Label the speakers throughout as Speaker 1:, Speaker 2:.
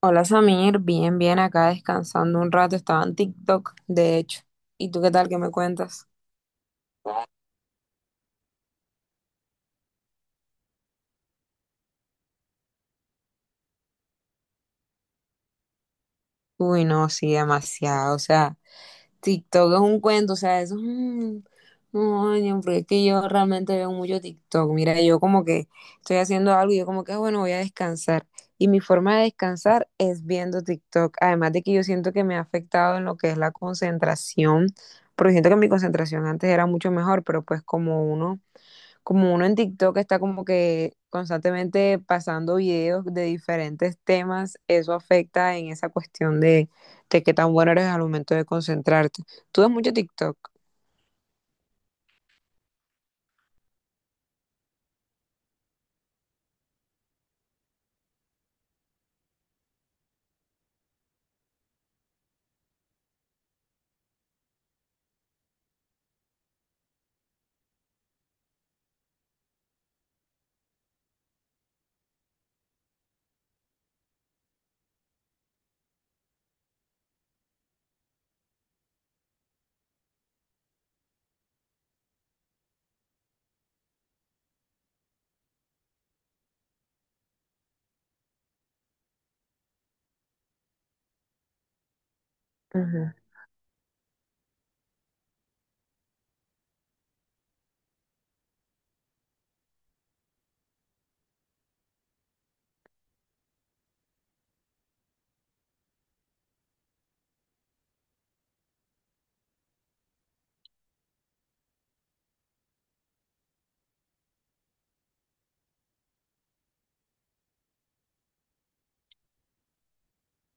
Speaker 1: Hola Samir, bien, bien acá descansando un rato, estaba en TikTok, de hecho. ¿Y tú qué tal qué me cuentas? Uy, no, sí, demasiado, o sea, TikTok es un cuento, o sea, eso es un... No, ño, porque es que yo realmente veo mucho TikTok, mira, yo como que estoy haciendo algo y yo como que, "Ah, bueno, voy a descansar. Y mi forma de descansar es viendo TikTok, además de que yo siento que me ha afectado en lo que es la concentración, porque siento que mi concentración antes era mucho mejor, pero pues como uno en TikTok está como que constantemente pasando videos de diferentes temas, eso afecta en esa cuestión de qué tan bueno eres al momento de concentrarte. ¿Tú ves mucho TikTok?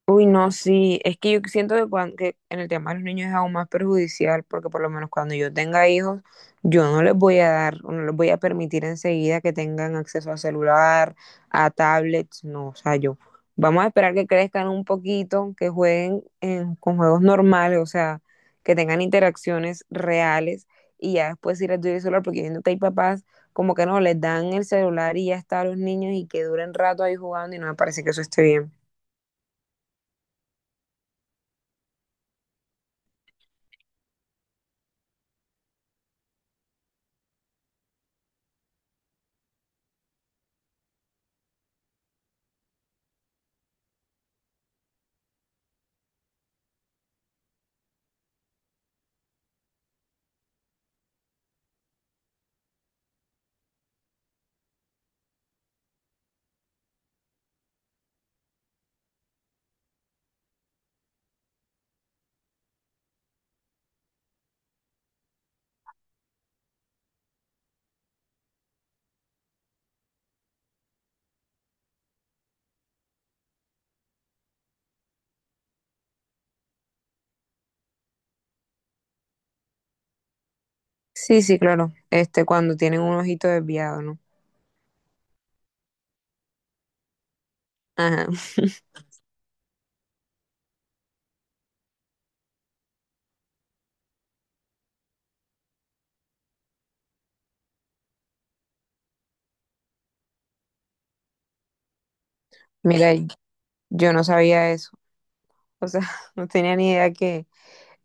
Speaker 1: Uy, no, sí, es que yo siento que, cuan- que en el tema de los niños es aún más perjudicial porque por lo menos cuando yo tenga hijos, yo no les voy a dar, o no les voy a permitir enseguida que tengan acceso a celular, a tablets, no, o sea, yo, vamos a esperar que crezcan un poquito, que jueguen en- con juegos normales, o sea, que tengan interacciones reales y ya después sí les doy el celular porque yo siento que hay papás como que no, les dan el celular y ya está a los niños y que duren rato ahí jugando y no me parece que eso esté bien. Sí, sí, claro. Este, cuando tienen un ojito desviado, ¿no? Ajá. Mira, yo no sabía eso. O sea, no tenía ni idea que,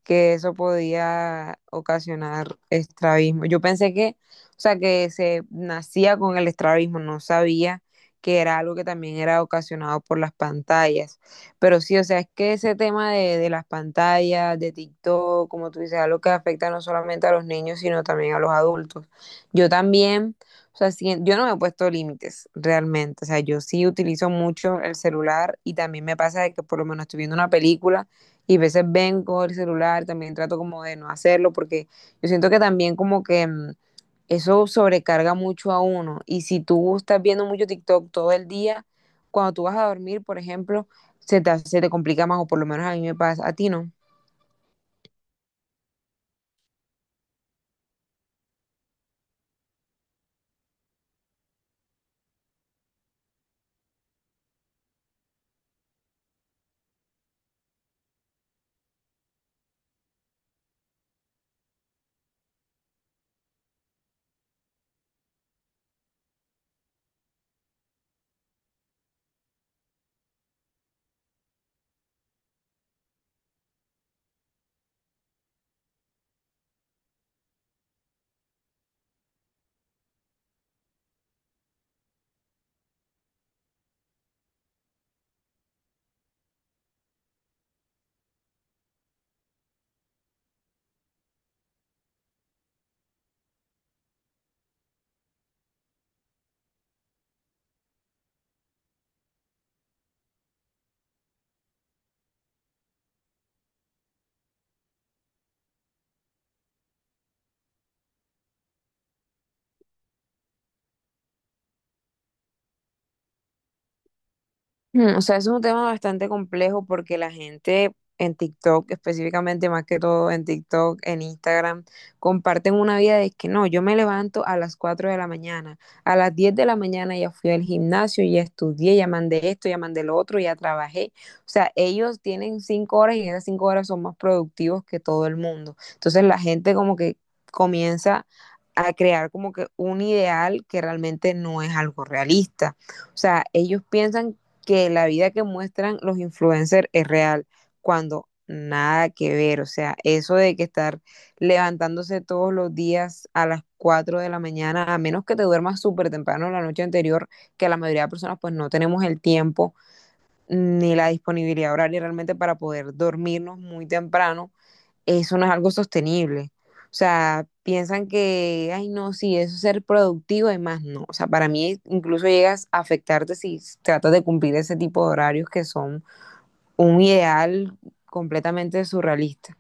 Speaker 1: que eso podía ocasionar estrabismo. Yo pensé que, o sea, que se nacía con el estrabismo, no sabía que era algo que también era ocasionado por las pantallas. Pero sí, o sea, es que ese tema de las pantallas, de TikTok, como tú dices, algo que afecta no solamente a los niños, sino también a los adultos. Yo también, o sea, sí, yo no me he puesto límites realmente. O sea, yo sí utilizo mucho el celular y también me pasa de que por lo menos estoy viendo una película y a veces vengo el celular, también trato como de no hacerlo porque yo siento que también como que eso sobrecarga mucho a uno y si tú estás viendo mucho TikTok todo el día, cuando tú vas a dormir, por ejemplo, se te, se te complica más o por lo menos a mí me pasa, a ti no. Mm, o sea, es un tema bastante complejo porque la gente en TikTok, específicamente más que todo en TikTok, en Instagram, comparten una vida de que no, yo me levanto a las 4 de la mañana, a las 10 de la mañana ya fui al gimnasio, ya estudié, ya mandé esto, ya mandé lo otro, ya trabajé. O sea, ellos tienen 5 horas y en esas 5 horas son más productivos que todo el mundo. Entonces la gente como que comienza a crear como que un ideal que realmente no es algo realista. O sea, ellos piensan que la vida que muestran los influencers es real, cuando nada que ver, o sea, eso de que estar levantándose todos los días a las 4 de la mañana, a menos que te duermas súper temprano la noche anterior, que la mayoría de personas pues no tenemos el tiempo ni la disponibilidad horaria realmente para poder dormirnos muy temprano, eso no es algo sostenible. O sea, piensan que, ay, no, sí, eso es ser productivo y más no. O sea, para mí incluso llegas a afectarte si tratas de cumplir ese tipo de horarios que son un ideal completamente surrealista.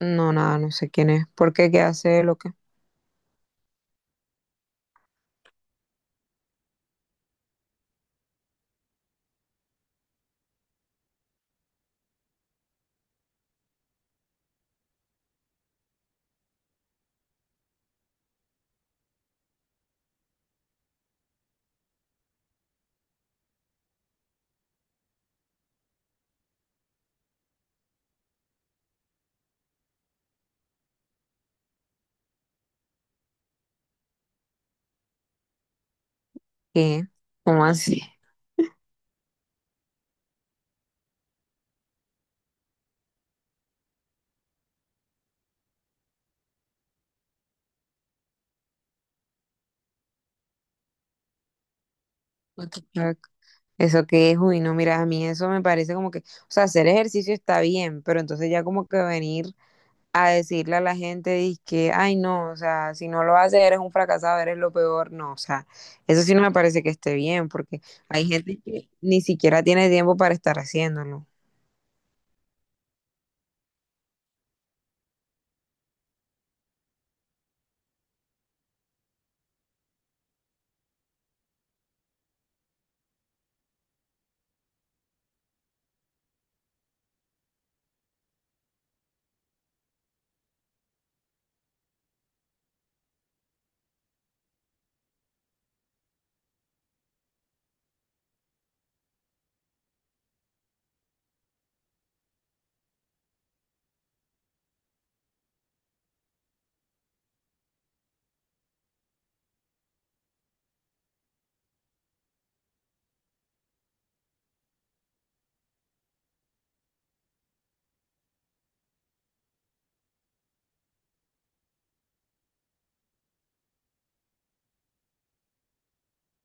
Speaker 1: No, nada, no sé quién es. ¿Por qué? ¿Qué hace? ¿Lo que? ¿Qué? ¿Cómo así? What the fuck? Eso qué es, uy, no, mira, a mí eso me parece como que, o sea, hacer ejercicio está bien, pero entonces ya como que venir a decirle a la gente dizque ay no, o sea, si no lo haces eres un fracasado, eres lo peor, no, o sea, eso sí no me parece que esté bien, porque hay gente que ni siquiera tiene tiempo para estar haciéndolo.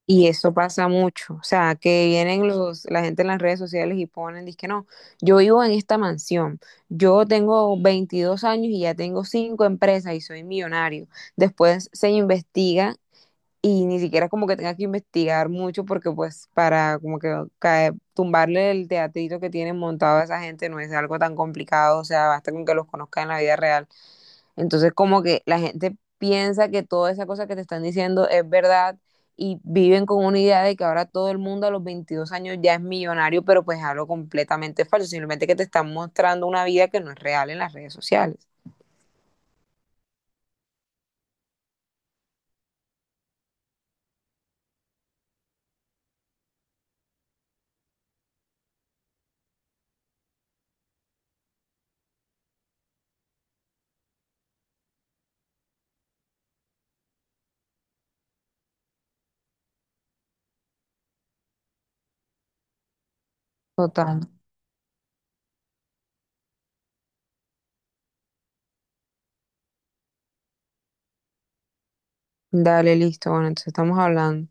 Speaker 1: Y eso pasa mucho, o sea, que vienen los, la gente en las redes sociales y ponen, dizque no, yo vivo en esta mansión, yo tengo 22 años y ya tengo cinco empresas y soy millonario. Después se investiga y ni siquiera como que tenga que investigar mucho porque pues para como que cae- tumbarle el teatrito que tienen montado a esa gente no es algo tan complicado, o sea, basta con que los conozca en la vida real. Entonces como que la gente piensa que toda esa cosa que te están diciendo es verdad y viven con una idea de que ahora todo el mundo a los 22 años ya es millonario, pero pues es algo completamente falso, simplemente que te están mostrando una vida que no es real en las redes sociales. Total. Dale, listo. Bueno, entonces estamos hablando.